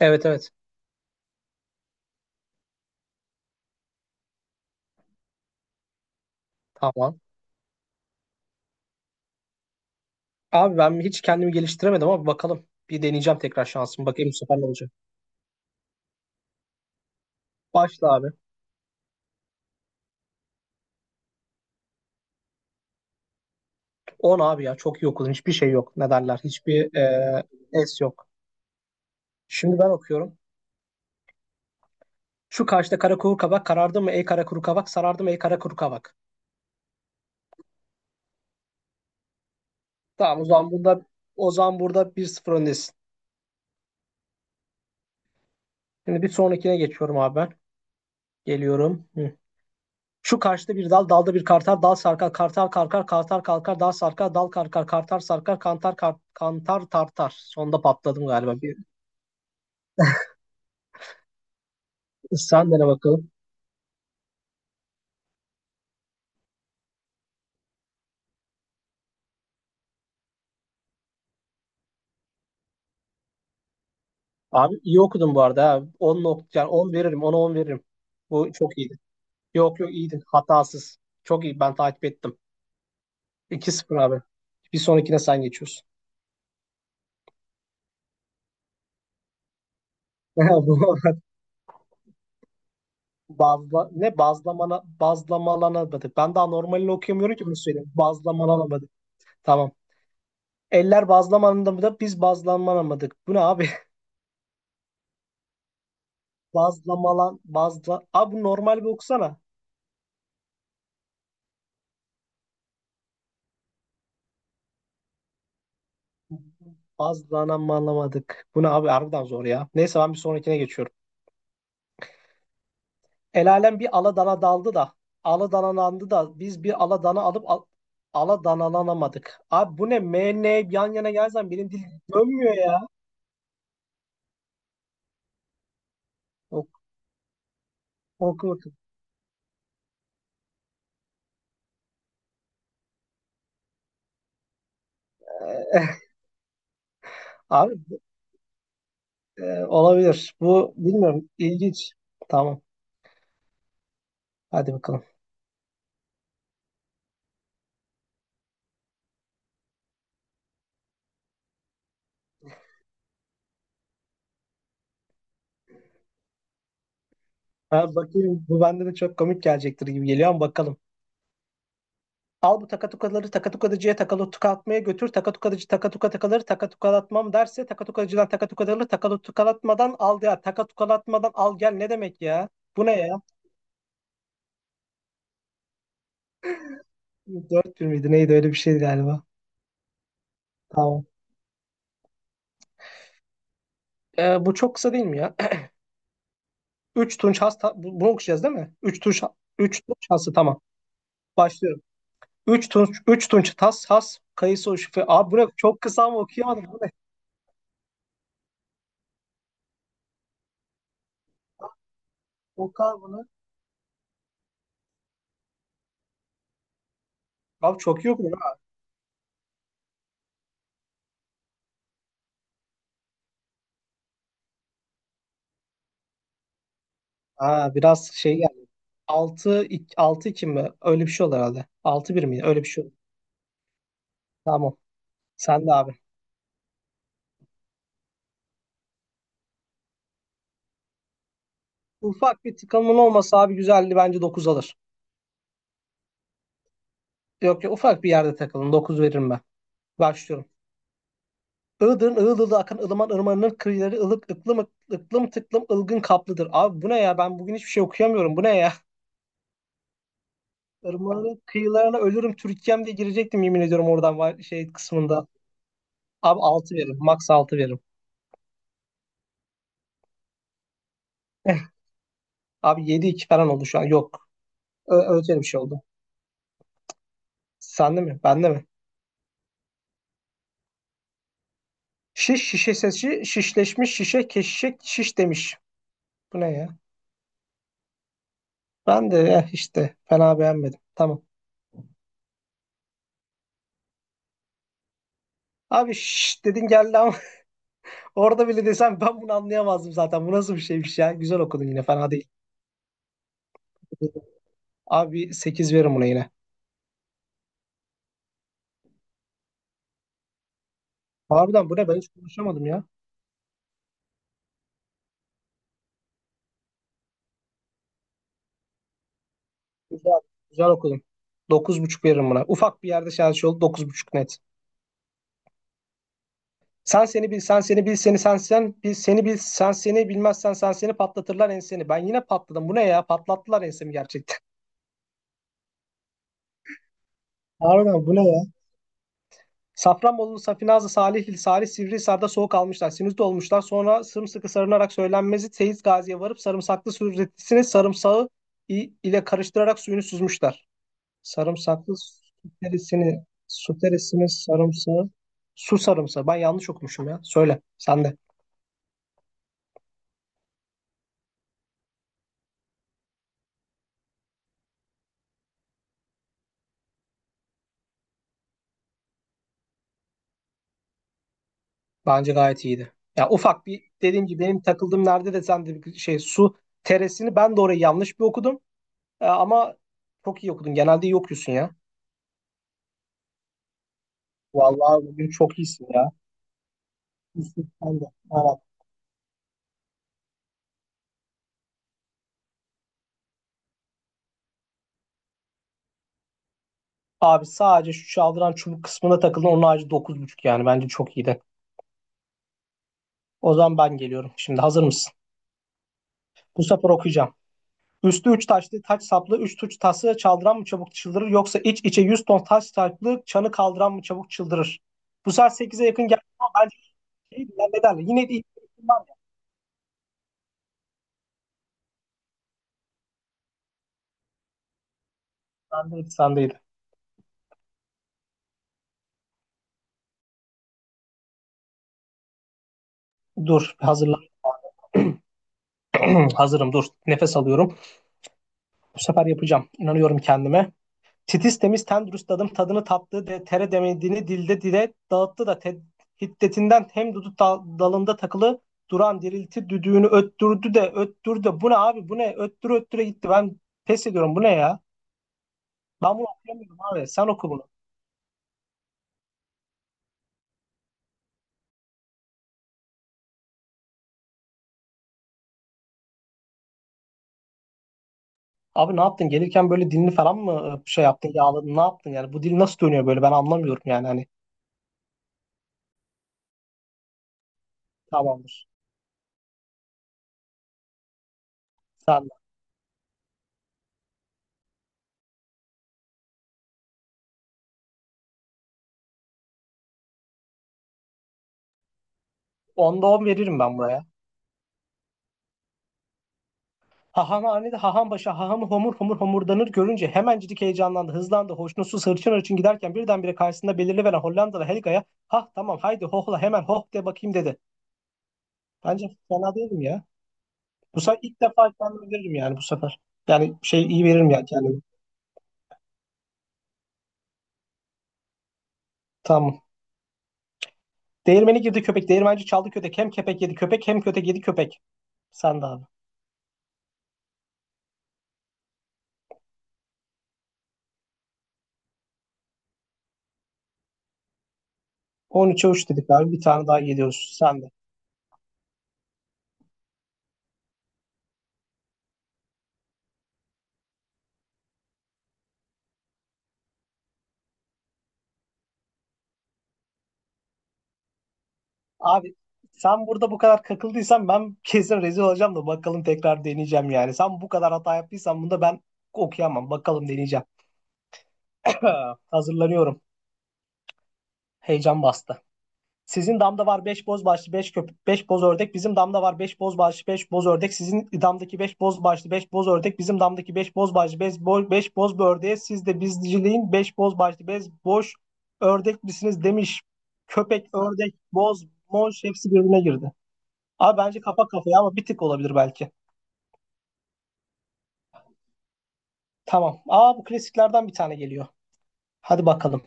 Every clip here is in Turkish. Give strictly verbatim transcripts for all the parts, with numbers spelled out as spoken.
Evet evet. Tamam. Abi ben hiç kendimi geliştiremedim ama bakalım. Bir deneyeceğim tekrar şansımı. Bakayım bu sefer ne olacak. Başla abi. On abi ya. Çok iyi okudun. Hiçbir şey yok. Ne derler? Hiçbir e, es yok. Şimdi ben okuyorum. Şu karşıda kara kuru kabak karardı mı ey kara kuru kabak sarardı mı ey kara kuru kabak. Tamam o zaman burada o zaman burada bir sıfır öndesin. Şimdi bir sonrakine geçiyorum abi ben. Geliyorum. Şu karşıda bir dal, dalda bir kartal, dal sarkar, kartal karkar, kartal kalkar, dal sarkar, dal karkar, kartal sarkar, kantar kar, kantar tartar. Sonda patladım galiba. Bir sen dene bakalım. Abi iyi okudun bu arada. Ha. on nokta yani on veririm, ona on veririm. Bu çok iyiydi. Yok yok iyiydin. Hatasız. Çok iyi. Ben takip ettim. iki sıfır abi. Bir sonrakine sen geçiyorsun. Bu- Bazla, ne bazlamana bazlamalanamadı. Ben daha normalini okuyamıyorum ki bunu söyleyeyim. Bazlamalanamadı. Tamam. Eller bazlamanında da biz bazlanamadık. Bu ne abi? Bazlamalan, bazla... Abi bu normal bir okusana. Bazlanamadık. Bu ne abi? Harbiden zor ya. Neyse ben bir sonrakine geçiyorum. El alem bir aladana daldı da. Aladanalandı da. Biz bir aladana alıp al... aladanalanamadık. Abi bu ne? M, N yan yana gelsen benim dil dönmüyor ya. Ok, oku bakayım. Abi e, olabilir. Bu bilmiyorum. İlginç. Tamam. Hadi bakalım. Ha, bakayım bu bende de çok komik gelecektir gibi geliyor ama bakalım. Al bu takatukaları takatukadıcıya takalı tukalatmaya götür. Takatukadıcı takatukaları takatukalatmam derse takatukacıdan takatukaları takatukalatmadan al ya. Takatukalatmadan al gel ne demek ya? Bu ne ya? dört bir miydi neydi öyle bir şeydi galiba. Tamam. Ee, bu çok kısa değil mi ya? Üç tunç hasta bu- bunu okuyacağız değil mi? Üç tunç üç tunç hasta tamam. Başlıyorum. Üç tunç üç tunç tas has kayısı o şüphe. Abi bu ne? Çok kısa ama okuyamadım. Bu ne? Oku abi bunu. Abi çok iyi okudun. Aa, biraz şey geldi. 6 altı iki mi? Öyle bir şey olur herhalde. Altı bir miydi? Öyle bir şey olur. Tamam. Sen de abi. Ufak bir takılımın olmasa abi güzeldi bence dokuz alır. Yok ya ufak bir yerde takılın. Dokuz veririm ben. Başlıyorum. Iğdır'ın ığıl ığıl akan ılıman ırmanının kıyıları ılık ıklım ık- ıklım tıklım ılgın kaplıdır. Abi bu ne ya? Ben bugün hiçbir şey okuyamıyorum. Bu ne ya? Irmanın kıyılarına ölürüm Türkiye'm diye girecektim yemin ediyorum oradan var- şey kısmında. Abi altı veririm. Max altı veririm. Abi yedi iki falan oldu şu an. Yok. Ö- Öyle bir şey oldu. Sende mi? Bende mi? Şiş şişesi şişleşmiş şişe keşişe şiş demiş. Bu ne ya? Ben de eh işte fena beğenmedim. Tamam. Abi şiş dedin geldi ama orada bile desem ben bunu anlayamazdım zaten. Bu nasıl bir şeymiş ya? Güzel okudun yine fena değil. Abi sekiz veririm buna yine. Harbiden bu ne? Ben hiç konuşamadım ya. Güzel. Güzel okudum. Dokuz buçuk veririm buna. Ufak bir yerde şarj oldu. Dokuz buçuk net. Sen seni bil, sen seni bil, seni sen sen bil, seni bil, sen seni bilmezsen sen seni patlatırlar enseni. Ben yine patladım. Bu ne ya? Patlattılar ensemi gerçekten. Harbiden bu ne ya? Safranbolu, Safinazlı, Salihli, Salih, Sivrihisar'da soğuk almışlar. Sinüzde olmuşlar. Sonra sımsıkı sarınarak söylenmezi Seyit Gazi'ye varıp sarımsaklı sürretisini sarımsağı i- ile karıştırarak suyunu süzmüşler. Sarımsaklı süterisini, süterisini sarımsağı, su sarımsağı. Ben yanlış okumuşum ya. Söyle sen de. Bence gayet iyiydi. Ya ufak bir dediğim gibi benim takıldığım nerede de sen de bir şey su teresini ben de orayı yanlış bir okudum. E, ama çok iyi okudun. Genelde iyi okuyorsun ya. Vallahi bugün çok iyisin ya. İyisin sen de. Evet. Abi sadece şu çaldıran çubuk kısmına takıldın. Onun harici dokuz buçuk yani. Bence çok iyiydi. O zaman ben geliyorum. Şimdi hazır mısın? Bu sefer okuyacağım. Üstü üç taşlı taç saplı üç tuç tası çaldıran mı çabuk çıldırır yoksa iç içe yüz ton taş saplı çanı kaldıran mı çabuk çıldırır? Bu sefer sekize yakın geldi ama şeydi ya, ne derler? Yine de ihtimalim var ya. Sendeydi, sendeydi. Dur hazırlan. Hazırım dur. Nefes alıyorum. Bu sefer yapacağım. İnanıyorum kendime. Titiz temiz tendrüs dadım tadını tattı de tere demediğini dilde dile dağıttı da te- hiddetinden hem dudu dal- dalında takılı duran dirilti düdüğünü öttürdü de öttürdü de. Bu ne abi? Bu ne öttüre öttüre gitti? Ben pes ediyorum. Bu ne ya? Ben bunu okuyamıyorum abi, sen oku bunu. Abi ne yaptın gelirken böyle? Dilini falan mı e, şey yaptın? Yağladın? Ne yaptın yani? Bu dil nasıl dönüyor böyle? Ben anlamıyorum yani, hani. Tamamdır. Sen. Onda on veririm ben buraya. Hahamhanede haham başa hahamı homur homur homurdanır görünce hemencik heyecanlandı, hızlandı, hoşnutsuz hırçın hırçın giderken birdenbire karşısında belirli veren Hollandalı Helga'ya hah tamam haydi hohla hemen hoh de bakayım dedi. Bence fena değilim ya. Bu sefer ilk defa kendimi veririm yani bu sefer. Yani şey iyi veririm yani. Kendimi. Tamam. Değirmeni girdi köpek, değirmenci çaldı kötek. Hem köpek yedi köpek hem kötek yedi köpek. Sen de abi. on üçe üç dedik abi. Bir tane daha geliyoruz. Sen de. Abi sen burada bu kadar kakıldıysan ben kesin rezil olacağım da bakalım tekrar deneyeceğim yani. Sen bu kadar hata yaptıysan bunda ben okuyamam. Bakalım deneyeceğim. Hazırlanıyorum. Heyecan bastı. Sizin damda var beş boz başlı beş köpek beş boz ördek. Bizim damda var beş boz başlı beş boz ördek. Sizin damdaki beş boz başlı beş boz ördek. Bizim damdaki beş boz başlı beş boz, beş boz bir ördeğe siz de bizciliğin beş boz başlı beş boş ördek misiniz demiş. Köpek, ördek, boz, moş hepsi birbirine girdi. Abi bence kafa kafaya ama bir tık olabilir belki. Tamam. Aa bu klasiklerden bir tane geliyor. Hadi bakalım.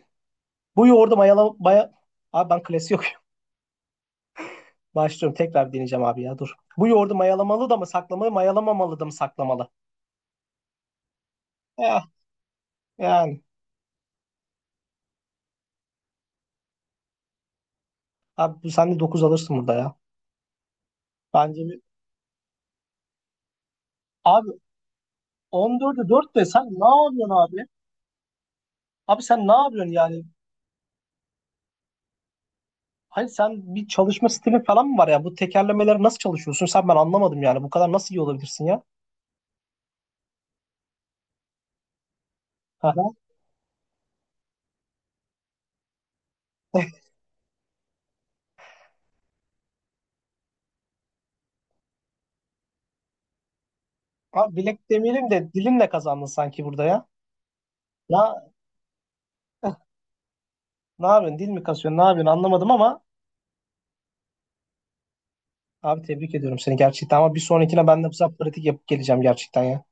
Bu yoğurdu mayalama... Maya... Abi ben klasik yok. Başlıyorum. Tekrar deneyeceğim abi ya dur. Bu yoğurdu mayalamalı da mı saklamalı, mayalamamalı da mı saklamalı? Eh, yani. Abi bu sen de dokuz alırsın burada ya. Bence bir... Abi on dörde dört de sen ne yapıyorsun abi? Abi sen ne yapıyorsun yani? Hani sen bir çalışma stilin falan mı var ya? Bu tekerlemeleri nasıl çalışıyorsun? Sen ben anlamadım yani. Bu kadar nasıl iyi olabilirsin ya? Aha. Abi bilek demeyelim de dilimle kazandın sanki burada ya. Ya eh, ne yapıyorsun? Dil mi kasıyorsun? Ne yapıyorsun? Anlamadım ama abi tebrik ediyorum seni gerçekten ama bir sonrakine ben de bu sefer pratik yapıp geleceğim gerçekten ya.